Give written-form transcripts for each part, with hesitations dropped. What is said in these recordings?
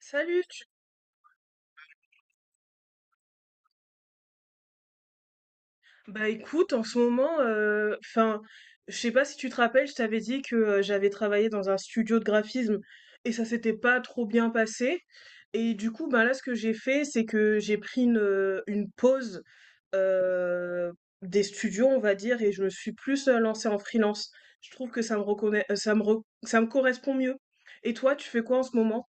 Salut, bah écoute, en ce moment, enfin, je sais pas si tu te rappelles, je t'avais dit que j'avais travaillé dans un studio de graphisme et ça s'était pas trop bien passé. Et du coup, bah là, ce que j'ai fait, c'est que j'ai pris une pause euh, des studios, on va dire, et je me suis plus lancée en freelance. Je trouve que ça me reconnaît, ça me correspond mieux. Et toi, tu fais quoi en ce moment?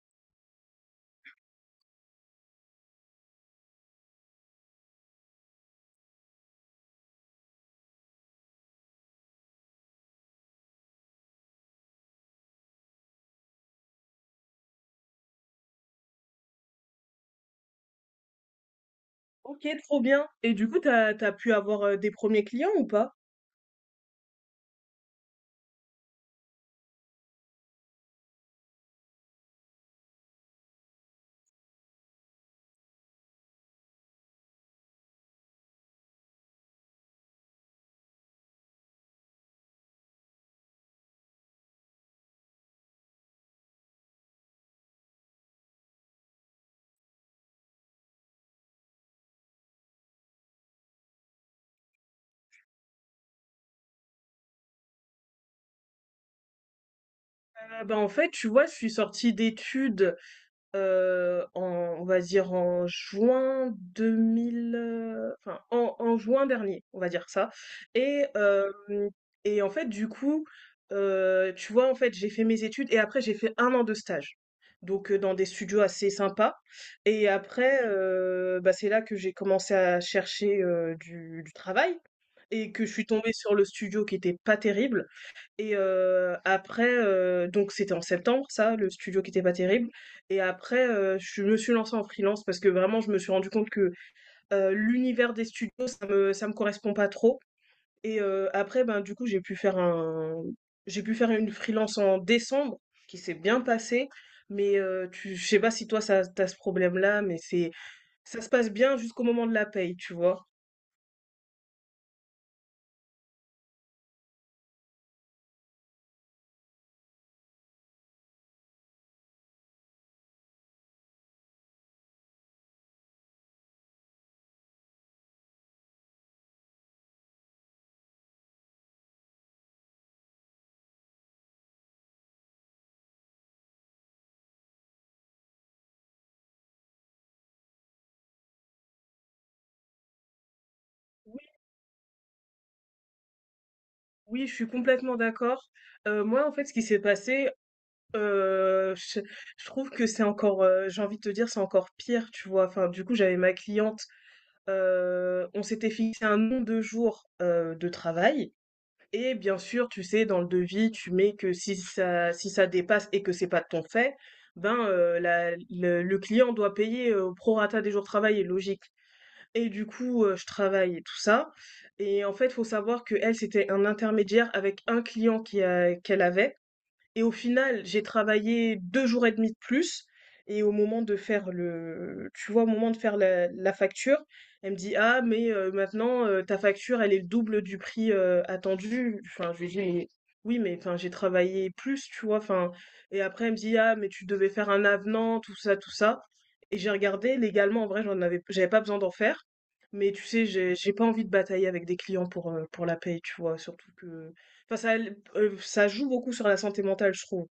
Ok, trop bien. Et du coup, t'as pu avoir des premiers clients ou pas? Bah, en fait, tu vois, je suis sortie d'études. En on va dire en juin 2000, enfin en juin dernier, on va dire ça. Et hem et en fait, du coup, tu vois, en fait j'ai fait mes études et après j'ai fait un an de stage. Donc, dans des studios assez sympas. Et après, bah, c'est là que j'ai commencé à chercher, du travail et que je suis tombée sur le studio qui était pas terrible. Et après, donc c'était en septembre ça, le studio qui était pas terrible. Et après, je me suis lancée en freelance parce que vraiment je me suis rendue compte que l'univers des studios, ça me correspond pas trop. Et après, ben, du coup, j'ai pu faire une freelance en décembre qui s'est bien passée. Mais tu je sais pas si toi ça t'as ce problème-là, mais c'est ça se passe bien jusqu'au moment de la paye, tu vois? Oui, oui, je suis complètement d'accord. Moi, en fait, ce qui s'est passé. Heu, je je trouve que c'est encore, j'ai envie de te dire, c'est encore pire, tu vois? Enfin, du coup, j'avais ma cliente, on s'était fixé un nombre de jours, de travail, et bien sûr, tu sais, dans le devis, tu mets que si ça dépasse et que c'est pas de ton fait, ben, la le client doit payer, au prorata des jours de travaillés, logique. Et du coup, je travaille et tout ça. Et en fait, faut savoir que elle, c'était un intermédiaire avec un client qui a qu'elle avait. Et au final, j'ai travaillé 2 jours et demi de plus. Et au moment de faire le tu vois, au moment de faire la facture, elle me dit: «Ah mais maintenant, ta facture, elle est le double du prix, attendu». Enfin, je lui dis: «Mais oui, mais enfin, j'ai travaillé plus», tu vois? Enfin, et après, elle me dit: «Ah mais tu devais faire un avenant, tout ça, tout ça». Et j'ai regardé, légalement, en vrai, j'avais pas besoin d'en faire, mais tu sais, j'ai pas envie de batailler avec des clients pour la paye, tu vois? Surtout que, enfin, ça joue beaucoup sur la santé mentale, je trouve.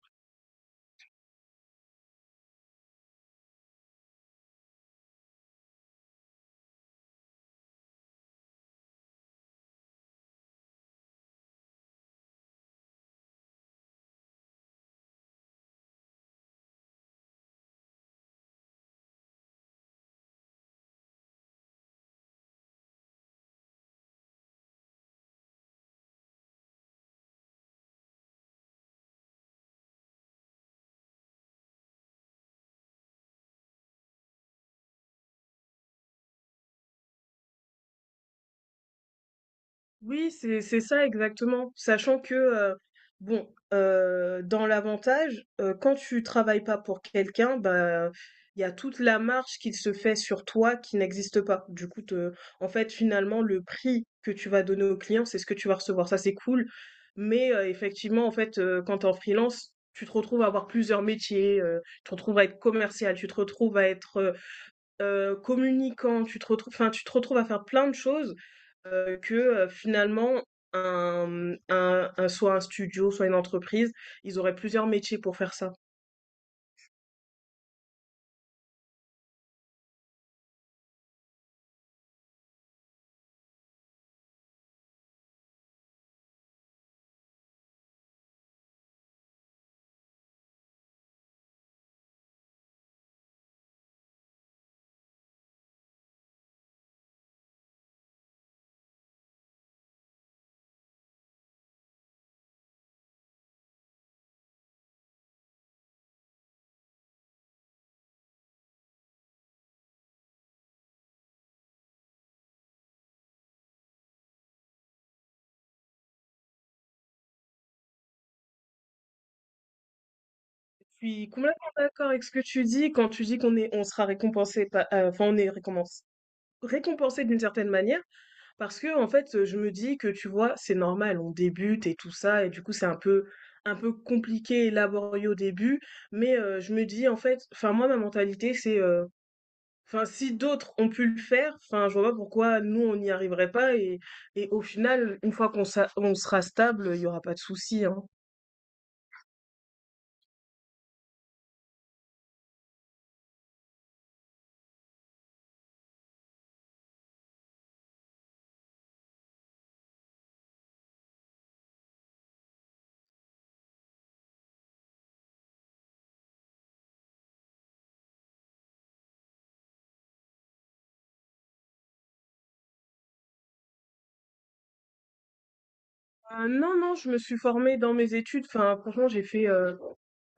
Oui, c'est ça exactement. Sachant que, bon, dans l'avantage, quand tu travailles pas pour quelqu'un, bah, il y a toute la marge qu'il se fait sur toi qui n'existe pas. Du coup, te en fait, finalement, le prix que tu vas donner au client, c'est ce que tu vas recevoir. Ça, c'est cool, mais effectivement, en fait, quand tu es en freelance, tu te retrouves à avoir plusieurs métiers, tu te retrouves à être commercial, tu te retrouves à être, communicant, tu te retrouves, enfin, tu te retrouves à faire plein de choses, que, finalement un, mmh, un soit un studio, soit une entreprise, ils auraient plusieurs métiers pour faire ça. Je suis complètement d'accord avec ce que tu dis quand tu dis qu'on est on sera récompensé pa enfin, on est récompensé, récompensé d'une certaine manière, parce que, en fait, je me dis que, tu vois, c'est normal, on débute et tout ça, et du coup, c'est un peu compliqué et laborieux au début. Mais je me dis, en fait, enfin, moi ma mentalité c'est, enfin, si d'autres ont pu le faire, enfin, je vois pas pourquoi nous on n'y arriverait pas. Et et au final, une fois on sera stable, il y aura pas de souci, hein. Ah, non, non, je me suis formée dans mes études. Enfin, franchement, j'ai fait euh,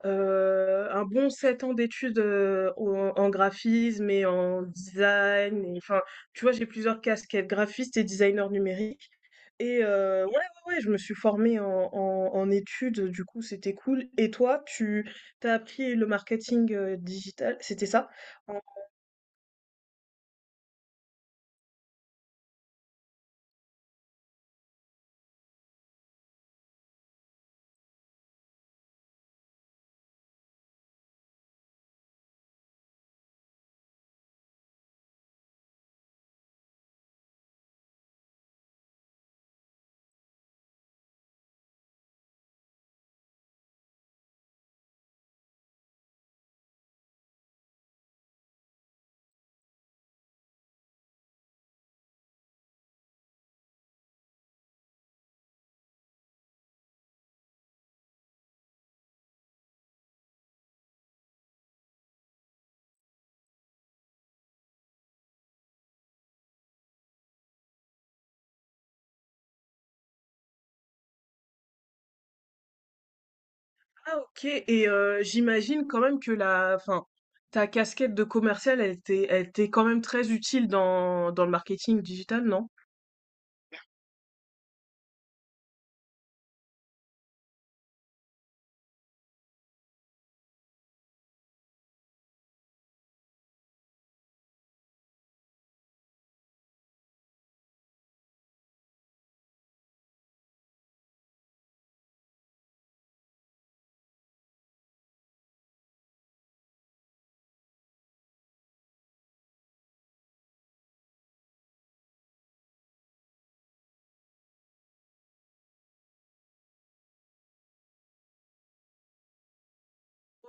euh, un bon 7 ans d'études en graphisme et en design. Et, enfin, tu vois, j'ai plusieurs casquettes, graphiste et designer numérique. Et ouais, ouais, ouais, je me suis formée en études, du coup, c'était cool. Et toi, tu t'as appris le marketing, digital, c'était ça? En ah, OK. Et j'imagine quand même que, la enfin, ta casquette de commercial, elle était quand même très utile dans le marketing digital, non?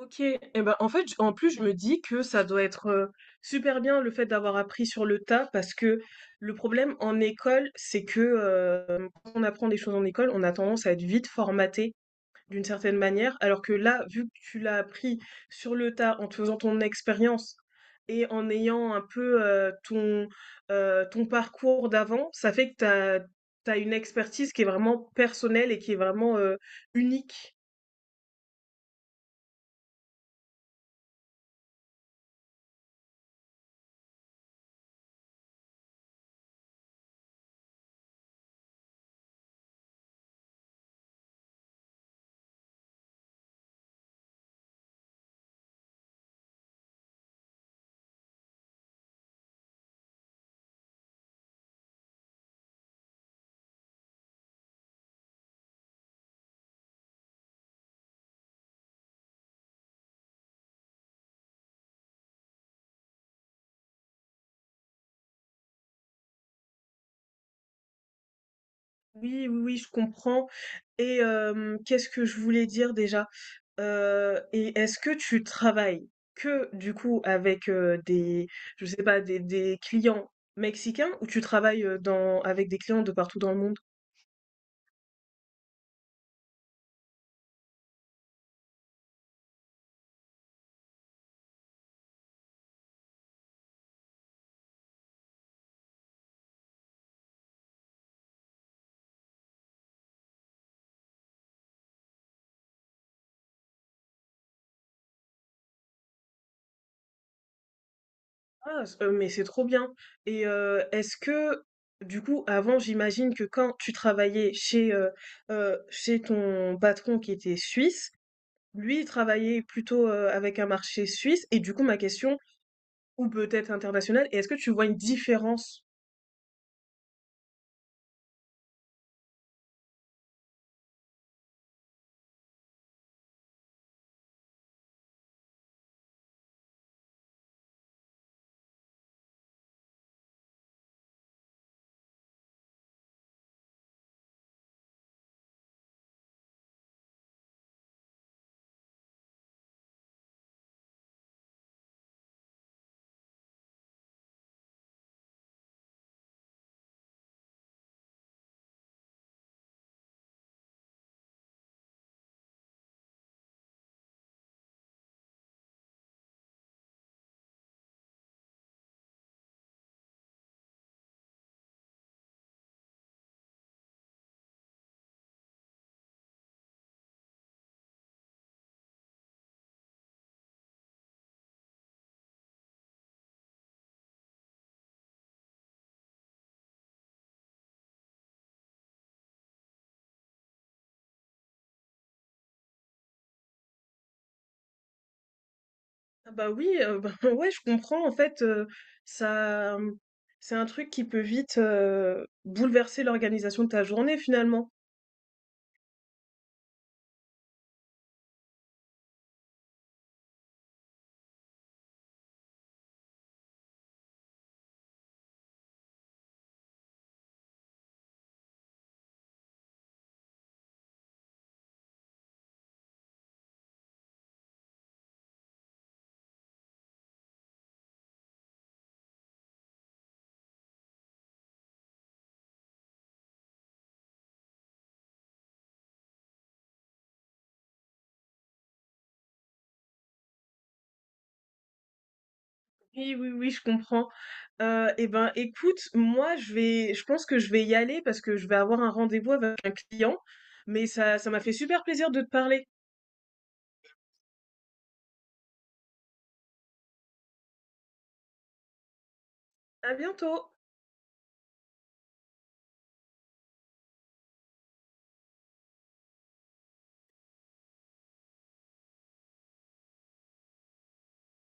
OK, et ben, en fait, j en plus, je me dis que ça doit être, super bien le fait d'avoir appris sur le tas, parce que le problème en école, c'est que, quand on apprend des choses en école, on a tendance à être vite formaté d'une certaine manière. Alors que là, vu que tu l'as appris sur le tas en te faisant ton expérience et en ayant un peu, ton parcours d'avant, ça fait que t'as une expertise qui est vraiment personnelle et qui est vraiment, unique. Oui, oui, oui, je comprends. Et qu'est-ce que je voulais dire déjà? Et est-ce que tu travailles que du coup avec, des je sais pas, des clients mexicains, ou tu travailles, dans avec des clients de partout dans le monde? Ah, s mais c'est trop bien. Et est-ce que, du coup, avant, j'imagine que quand tu travaillais chez, chez ton patron qui était suisse, lui il travaillait plutôt, avec un marché suisse, et du coup ma question. Ou peut-être international? Et est-ce que tu vois une différence? Ah bah oui, bah ouais, je comprends, en fait, ça, c'est un truc qui peut vite, bouleverser l'organisation de ta journée, finalement. Oui, oui, oui, je comprends. Et ben écoute, moi je pense que je vais y aller, parce que je vais avoir un rendez-vous avec un client, mais ça m'a fait super plaisir de te parler. À bientôt.